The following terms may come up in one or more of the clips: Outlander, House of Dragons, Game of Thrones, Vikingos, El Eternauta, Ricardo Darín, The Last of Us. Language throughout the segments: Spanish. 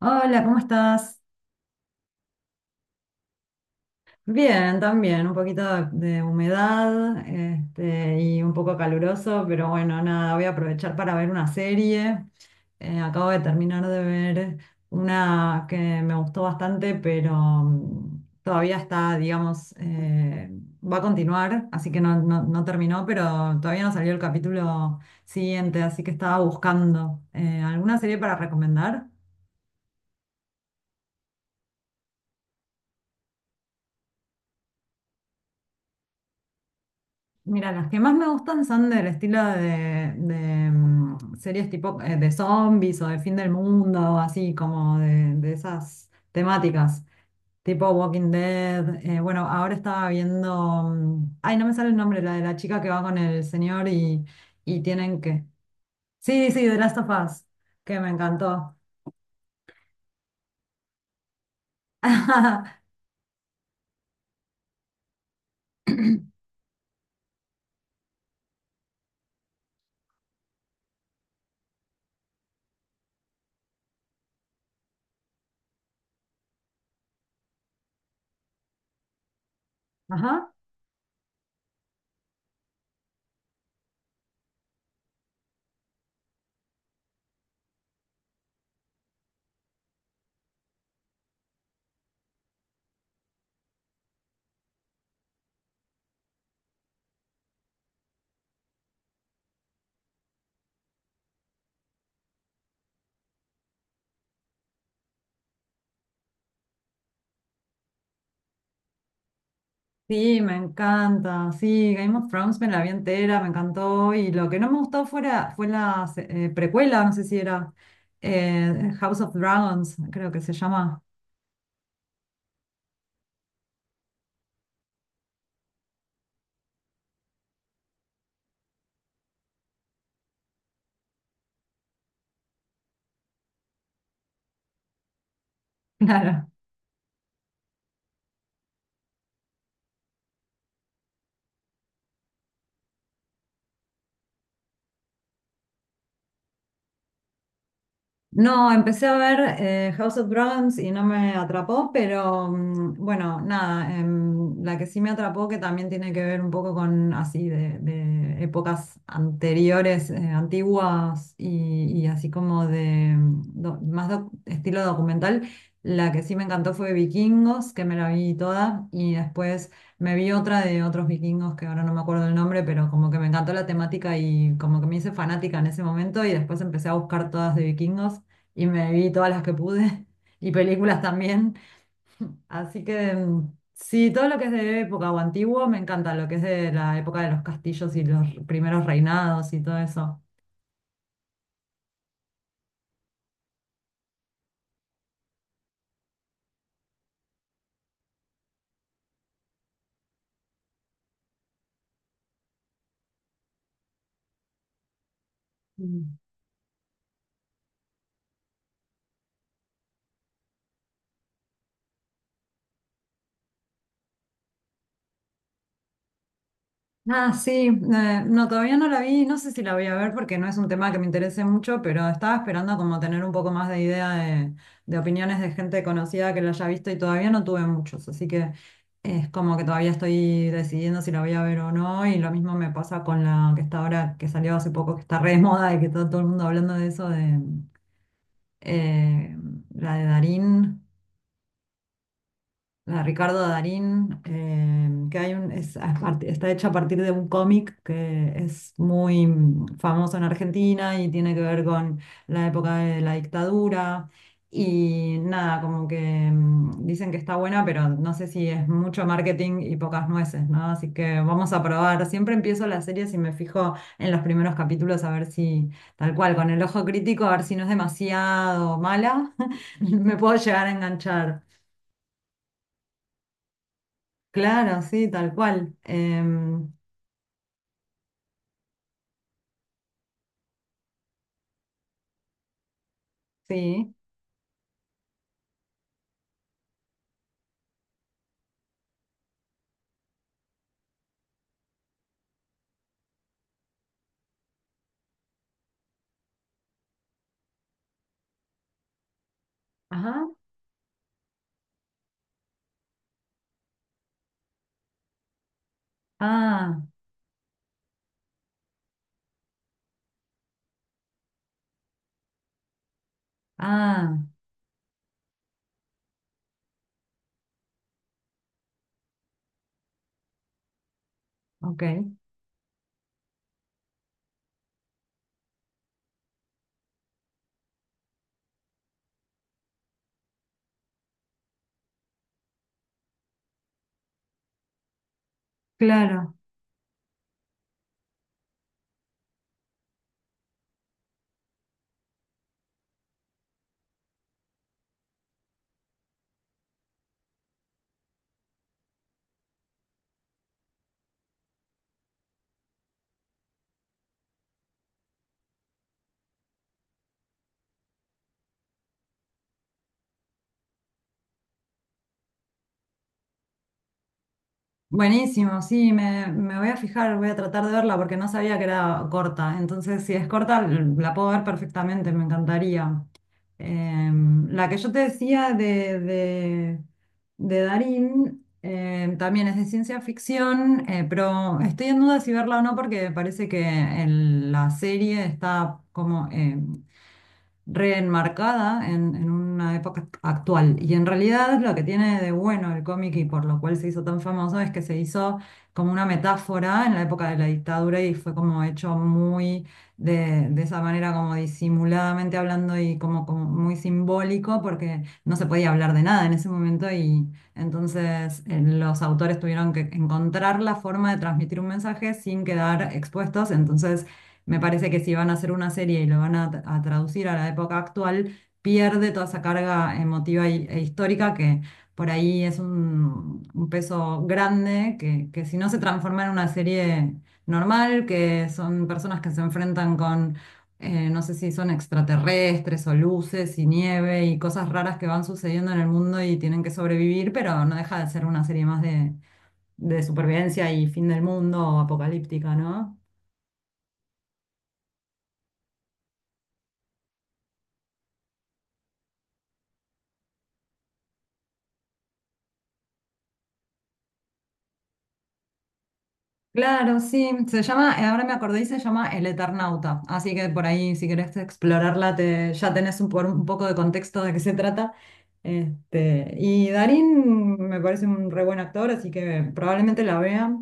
Hola, ¿cómo estás? Bien, también, un poquito de humedad, y un poco caluroso, pero bueno, nada, voy a aprovechar para ver una serie. Acabo de terminar de ver una que me gustó bastante, pero todavía está, digamos, va a continuar, así que no terminó, pero todavía no salió el capítulo siguiente, así que estaba buscando. ¿Alguna serie para recomendar? Mira, las que más me gustan son del estilo de series tipo de zombies o de fin del mundo, así como de esas temáticas, tipo Walking Dead. Bueno, ahora estaba viendo, ay, no me sale el nombre, la de la chica que va con el señor y tienen que... Sí, sí, The Last of Us, que me encantó. Ajá. Sí, me encanta. Sí, Game of Thrones me la vi entera, me encantó. Y lo que no me gustó fuera, fue la precuela, no sé si era House of Dragons, creo que se llama. Claro. No, empecé a ver House of Dragons y no me atrapó, pero bueno, nada, la que sí me atrapó, que también tiene que ver un poco con así de épocas anteriores, antiguas y así como de más estilo documental, la que sí me encantó fue Vikingos, que me la vi toda, y después me vi otra de otros vikingos que ahora no me acuerdo el nombre, pero como que me encantó la temática y como que me hice fanática en ese momento y después empecé a buscar todas de vikingos y me vi todas las que pude y películas también. Así que sí, todo lo que es de época o antiguo me encanta, lo que es de la época de los castillos y los primeros reinados y todo eso. Ah, sí, no, todavía no la vi, no sé si la voy a ver porque no es un tema que me interese mucho, pero estaba esperando como tener un poco más de idea de opiniones de gente conocida que la haya visto y todavía no tuve muchos, así que es como que todavía estoy decidiendo si la voy a ver o no y lo mismo me pasa con la que está ahora, que salió hace poco, que está re de moda y que está todo el mundo hablando de eso, de eh, la de Darín, la Ricardo Darín, que hay un, es está hecha a partir de un cómic que es muy famoso en Argentina y tiene que ver con la época de la dictadura. Y nada, como que dicen que está buena, pero no sé si es mucho marketing y pocas nueces, ¿no? Así que vamos a probar. Siempre empiezo las series y me fijo en los primeros capítulos a ver si, tal cual, con el ojo crítico, a ver si no es demasiado mala, me puedo llegar a enganchar. Claro, sí, tal cual. Em, sí. Ajá. Ah, ah, ok. Claro. Buenísimo, sí, me voy a fijar, voy a tratar de verla porque no sabía que era corta. Entonces, si es corta, la puedo ver perfectamente, me encantaría. Em, la que yo te decía de Darín también es de ciencia ficción, pero estoy en duda si verla o no porque me parece que la serie está como reenmarcada en una época actual. Y en realidad lo que tiene de bueno el cómic y por lo cual se hizo tan famoso es que se hizo como una metáfora en la época de la dictadura y fue como hecho muy de esa manera como disimuladamente hablando y como, como muy simbólico porque no se podía hablar de nada en ese momento y entonces, los autores tuvieron que encontrar la forma de transmitir un mensaje sin quedar expuestos. Entonces, me parece que si van a hacer una serie y lo van a, traducir a la época actual, pierde toda esa carga emotiva y- e histórica que por ahí es un peso grande que si no se transforma en una serie normal, que son personas que se enfrentan con no sé si son extraterrestres o luces y nieve y cosas raras que van sucediendo en el mundo y tienen que sobrevivir, pero no deja de ser una serie más de supervivencia y fin del mundo o apocalíptica, ¿no? Claro, sí, se llama, ahora me acordé y se llama El Eternauta, así que por ahí si querés explorarla te, ya tenés un, un poco de contexto de qué se trata. Este, y Darín me parece un re buen actor, así que probablemente la vea.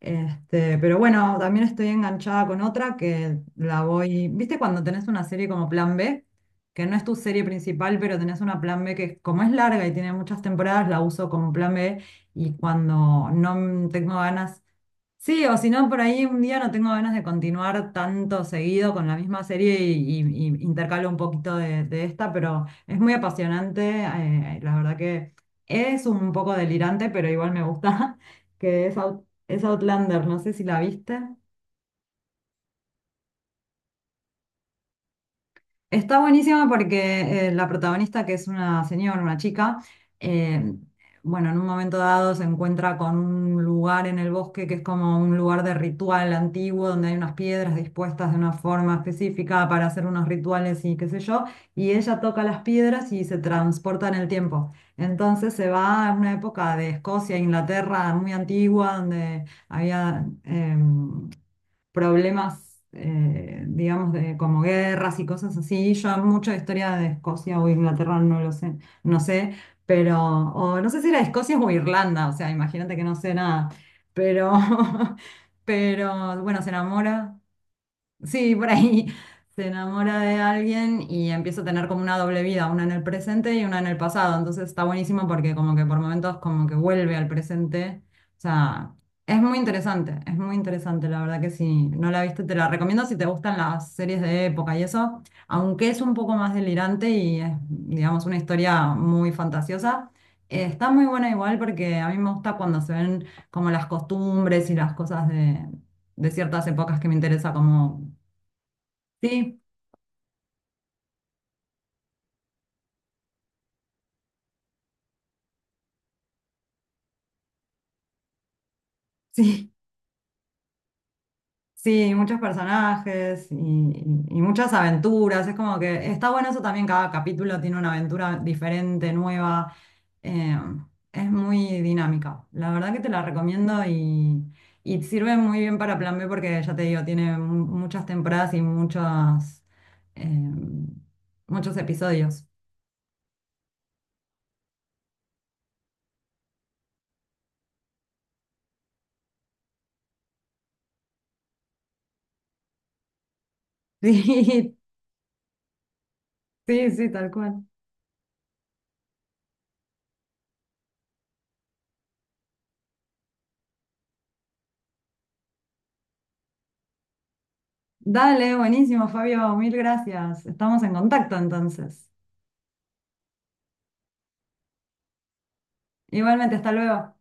Este, pero bueno, también estoy enganchada con otra que la voy, ¿viste cuando tenés una serie como Plan B? Que no es tu serie principal, pero tenés una Plan B que como es larga y tiene muchas temporadas, la uso como Plan B y cuando no tengo ganas. Sí, o si no, por ahí un día no tengo ganas de continuar tanto seguido con la misma serie y, y intercalo un poquito de esta, pero es muy apasionante, la verdad que es un poco delirante, pero igual me gusta, que es, es Outlander, no sé si la viste. Está buenísima porque la protagonista, que es una señora, una chica, eh, bueno, en un momento dado se encuentra con un lugar en el bosque que es como un lugar de ritual antiguo, donde hay unas piedras dispuestas de una forma específica para hacer unos rituales y qué sé yo, y ella toca las piedras y se transporta en el tiempo. Entonces se va a una época de Escocia, Inglaterra, muy antigua, donde había... problemas, digamos, de, como guerras y cosas así. Yo mucho de historia de Escocia o Inglaterra no lo sé, no sé, pero, o no sé si era Escocia o Irlanda, o sea, imagínate que no sé nada, pero, pero bueno, se enamora. Sí, por ahí se enamora de alguien y empieza a tener como una doble vida, una en el presente y una en el pasado. Entonces está buenísimo porque como que por momentos como que vuelve al presente. O sea, es muy interesante, la verdad que si no la viste te la recomiendo si te gustan las series de época y eso, aunque es un poco más delirante y es, digamos, una historia muy fantasiosa. Está muy buena igual porque a mí me gusta cuando se ven como las costumbres y las cosas de ciertas épocas que me interesa como sí, sí, sí, muchos personajes y, muchas aventuras. Es como que está bueno eso también, cada capítulo tiene una aventura diferente, nueva. eh, es muy dinámica. La verdad que te la recomiendo y sirve muy bien para Plan B porque ya te digo, tiene muchas temporadas y muchos, muchos episodios. Sí, sí, sí, tal cual. Dale, buenísimo, Fabio, mil gracias. Estamos en contacto entonces. Igualmente, hasta luego.